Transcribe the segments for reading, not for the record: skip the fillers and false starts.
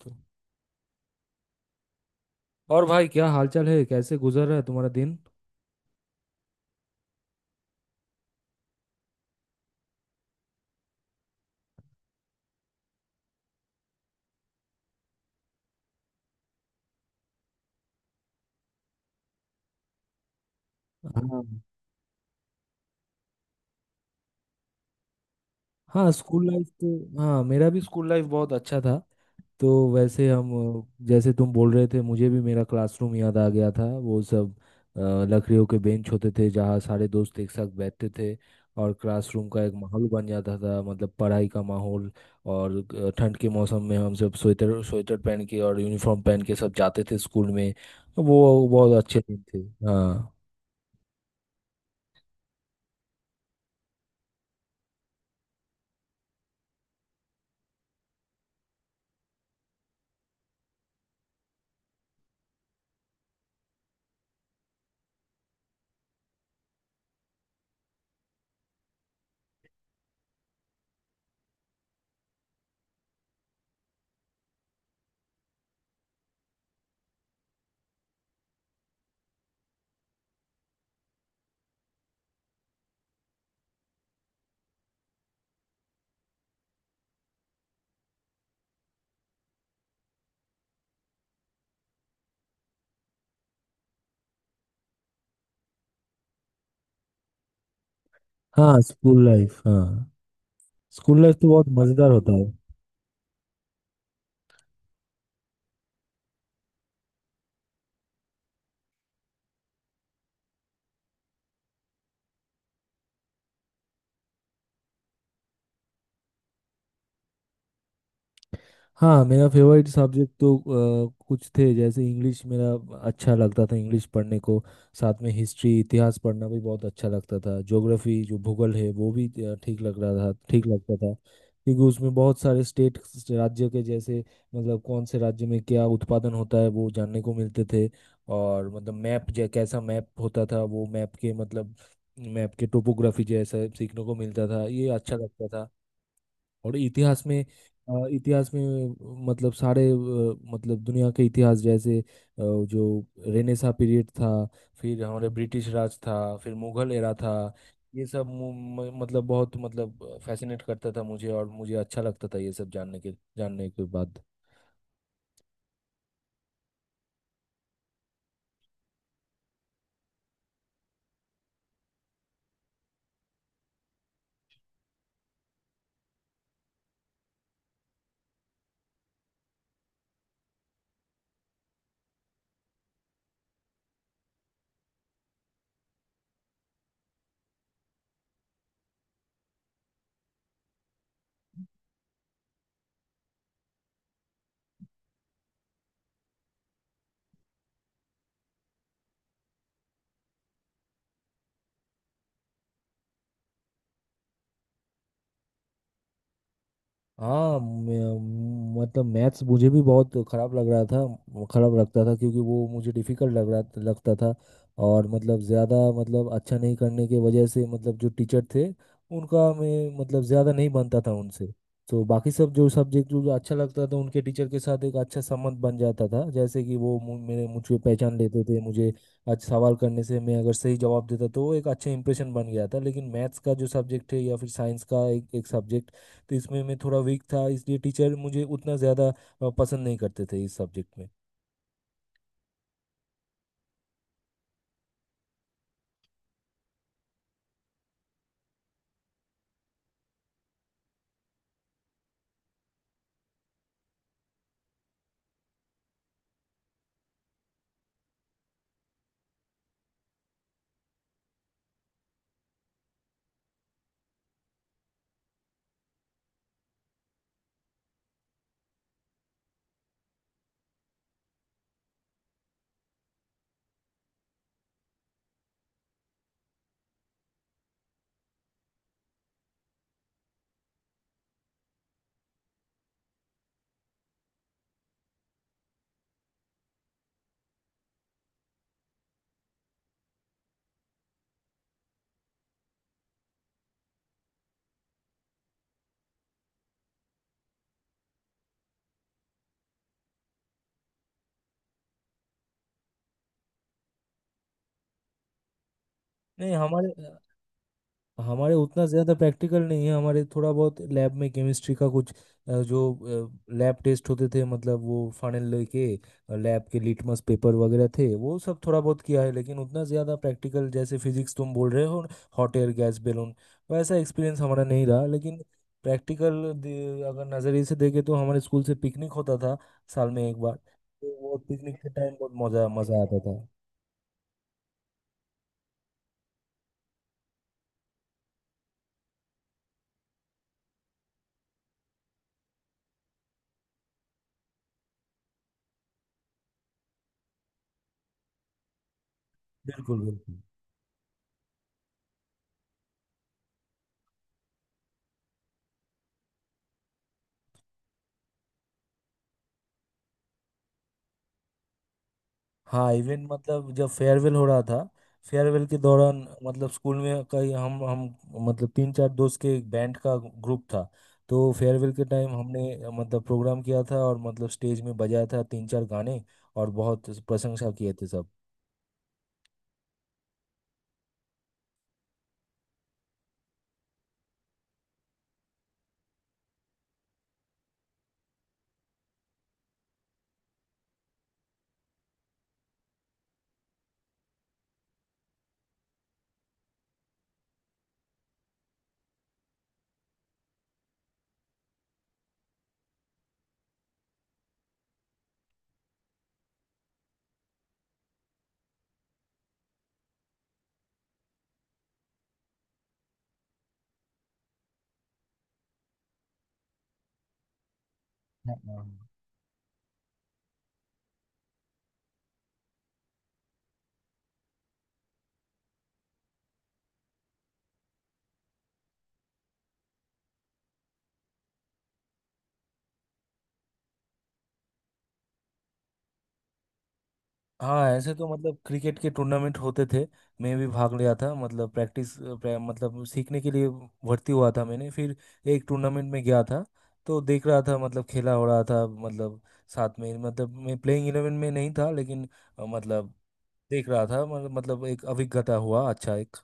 तो और भाई क्या हालचाल है। कैसे गुजर रहा है तुम्हारा दिन। हाँ। हाँ, स्कूल लाइफ तो हाँ मेरा भी स्कूल लाइफ बहुत अच्छा था। तो वैसे हम जैसे तुम बोल रहे थे मुझे भी मेरा क्लासरूम याद आ गया था वो सब। अ, लकड़ियों के बेंच होते थे जहाँ सारे दोस्त एक साथ बैठते थे। और क्लासरूम का एक माहौल बन जाता था मतलब पढ़ाई का माहौल। और ठंड के मौसम में हम सब स्वेटर स्वेटर पहन के और यूनिफॉर्म पहन के सब जाते थे स्कूल में। वो बहुत अच्छे दिन थे। हाँ। हाँ स्कूल लाइफ। हाँ स्कूल लाइफ तो बहुत मजेदार होता है। हाँ मेरा फेवरेट सब्जेक्ट तो कुछ थे जैसे इंग्लिश मेरा। अच्छा लगता था इंग्लिश पढ़ने को। साथ में हिस्ट्री इतिहास पढ़ना भी बहुत अच्छा लगता था। ज्योग्राफी जो भूगोल है वो भी ठीक लगता था। क्योंकि उसमें बहुत सारे स्टेट राज्य के जैसे मतलब कौन से राज्य में क्या उत्पादन होता है वो जानने को मिलते थे। और मतलब मैप जै कैसा मैप होता था वो मैप के टोपोग्राफी जैसा सीखने को मिलता था, ये अच्छा लगता था। और इतिहास में इतिहास में मतलब सारे मतलब दुनिया के इतिहास जैसे जो रेनेसा पीरियड था, फिर हमारे ब्रिटिश राज था, फिर मुगल एरा था। ये सब मतलब बहुत मतलब फैसिनेट करता था मुझे और मुझे अच्छा लगता था ये सब जानने के बाद। हाँ मैं- मतलब मैथ्स मुझे भी बहुत खराब लग रहा था खराब लगता था क्योंकि वो मुझे डिफिकल्ट लग रहा लगता था। और मतलब ज़्यादा मतलब अच्छा नहीं करने के वजह से मतलब जो टीचर थे उनका मैं मतलब ज़्यादा नहीं बनता था उनसे। तो बाकी सब जो सब्जेक्ट जो जो अच्छा लगता था उनके टीचर के साथ एक अच्छा संबंध बन जाता था, जैसे कि वो मु- मेरे मुझे पहचान लेते थे मुझे। आज सवाल करने से मैं अगर सही जवाब देता तो वो एक अच्छा इंप्रेशन बन गया था। लेकिन मैथ्स का जो सब्जेक्ट है या फिर साइंस का एक एक सब्जेक्ट तो इसमें मैं थोड़ा वीक था, इसलिए टीचर मुझे उतना ज़्यादा पसंद नहीं करते थे इस सब्जेक्ट में। नहीं हमारे हमारे उतना ज़्यादा प्रैक्टिकल नहीं है। हमारे थोड़ा बहुत लैब में केमिस्ट्री का कुछ जो लैब टेस्ट होते थे मतलब वो फाइनल लेके लैब के लिटमस पेपर वगैरह थे, वो सब थोड़ा बहुत किया है। लेकिन उतना ज़्यादा प्रैक्टिकल जैसे फिजिक्स तुम बोल रहे हो हॉट एयर गैस बैलून, वैसा एक्सपीरियंस हमारा नहीं रहा। लेकिन प्रैक्टिकल अगर नज़रिए से देखें तो हमारे स्कूल से पिकनिक होता था साल में एक बार, तो वो पिकनिक के टाइम बहुत मज़ा मज़ा आता था। बिल्कुल बिल्कुल। हाँ इवेंट मतलब जब फेयरवेल हो रहा था, फेयरवेल के दौरान मतलब स्कूल में कई हम मतलब तीन चार दोस्त के एक बैंड का ग्रुप था। तो फेयरवेल के टाइम हमने मतलब प्रोग्राम किया था और मतलब स्टेज में बजाया था तीन चार गाने। और बहुत प्रशंसा किए थे सब। हाँ ऐसे तो मतलब क्रिकेट के टूर्नामेंट होते थे। मैं भी भाग लिया था मतलब मतलब सीखने के लिए भर्ती हुआ था मैंने। फिर एक टूर्नामेंट में गया था, तो देख रहा था मतलब खेला हो रहा था मतलब साथ में मतलब मैं प्लेइंग इलेवन में नहीं था लेकिन मतलब देख रहा था मतलब एक अभिज्ञता हुआ अच्छा एक।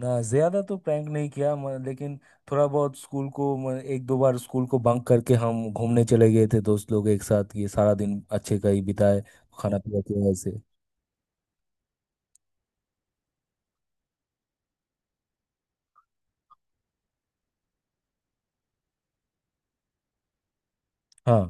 ना, ज्यादा तो प्रैंक नहीं किया लेकिन थोड़ा बहुत एक दो बार स्कूल को बंक करके हम घूमने चले गए थे दोस्त लोग एक साथ, ये सारा दिन अच्छे का ही बिताए। खाना पीना किया ऐसे। हाँ।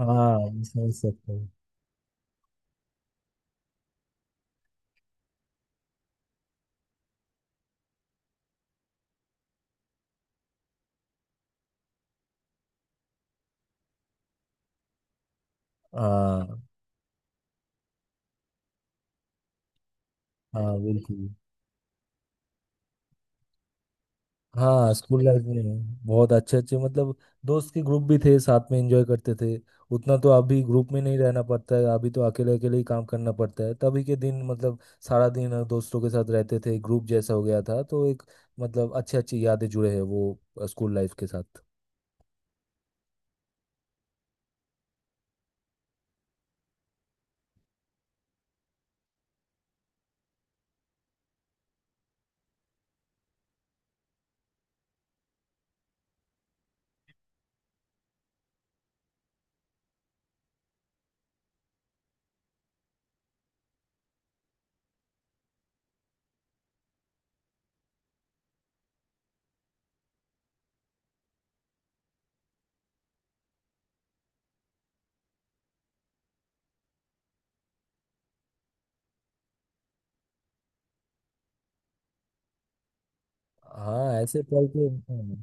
हाँ समझ सकते हैं। हाँ। हाँ बिल्कुल। हाँ स्कूल लाइफ में बहुत अच्छे अच्छे मतलब दोस्त के ग्रुप भी थे, साथ में एंजॉय करते थे। उतना तो अभी ग्रुप में नहीं रहना पड़ता है, अभी तो अकेले अकेले ही काम करना पड़ता है। तभी के दिन मतलब सारा दिन दोस्तों के साथ रहते थे, ग्रुप जैसा हो गया था तो एक मतलब अच्छे अच्छी यादें जुड़े हैं वो स्कूल लाइफ के साथ। हाँ ऐसे पल तो हाँ।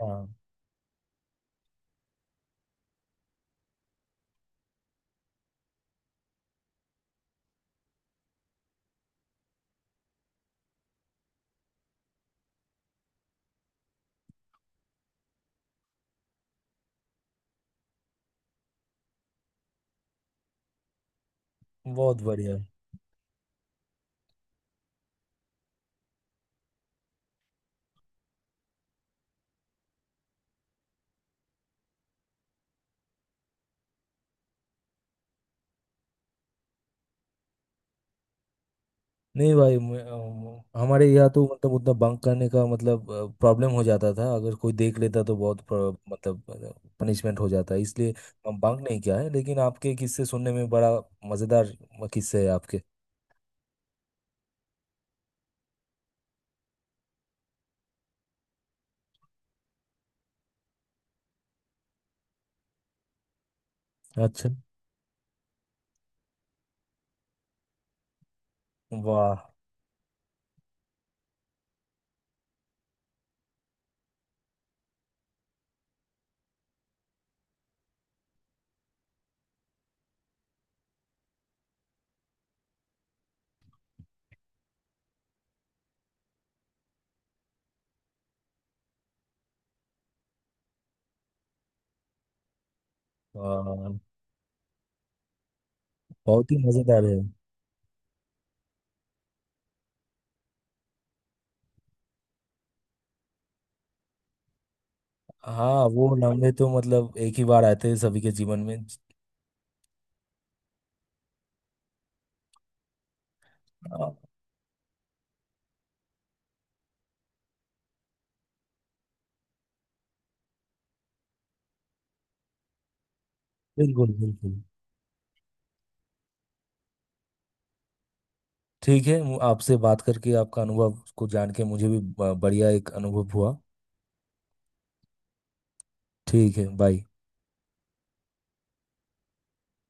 हाँ, बहुत बढ़िया। नहीं भाई, हमारे यहाँ तो मतलब उतना बंक करने का मतलब प्रॉब्लम हो जाता था। अगर कोई देख लेता तो बहुत मतलब पनिशमेंट हो जाता है, इसलिए हम बंक नहीं किया है। लेकिन आपके किस्से सुनने में बड़ा मज़ेदार किस्से है आपके। अच्छा। वाह। वाह, बहुत ही मज़ेदार है। हाँ वो लम्हे तो मतलब एक ही बार आते हैं सभी के जीवन में। हाँ, बिल्कुल बिल्कुल। ठीक है, आपसे बात करके आपका अनुभव को जान के मुझे भी बढ़िया एक अनुभव हुआ। ठीक है बाय।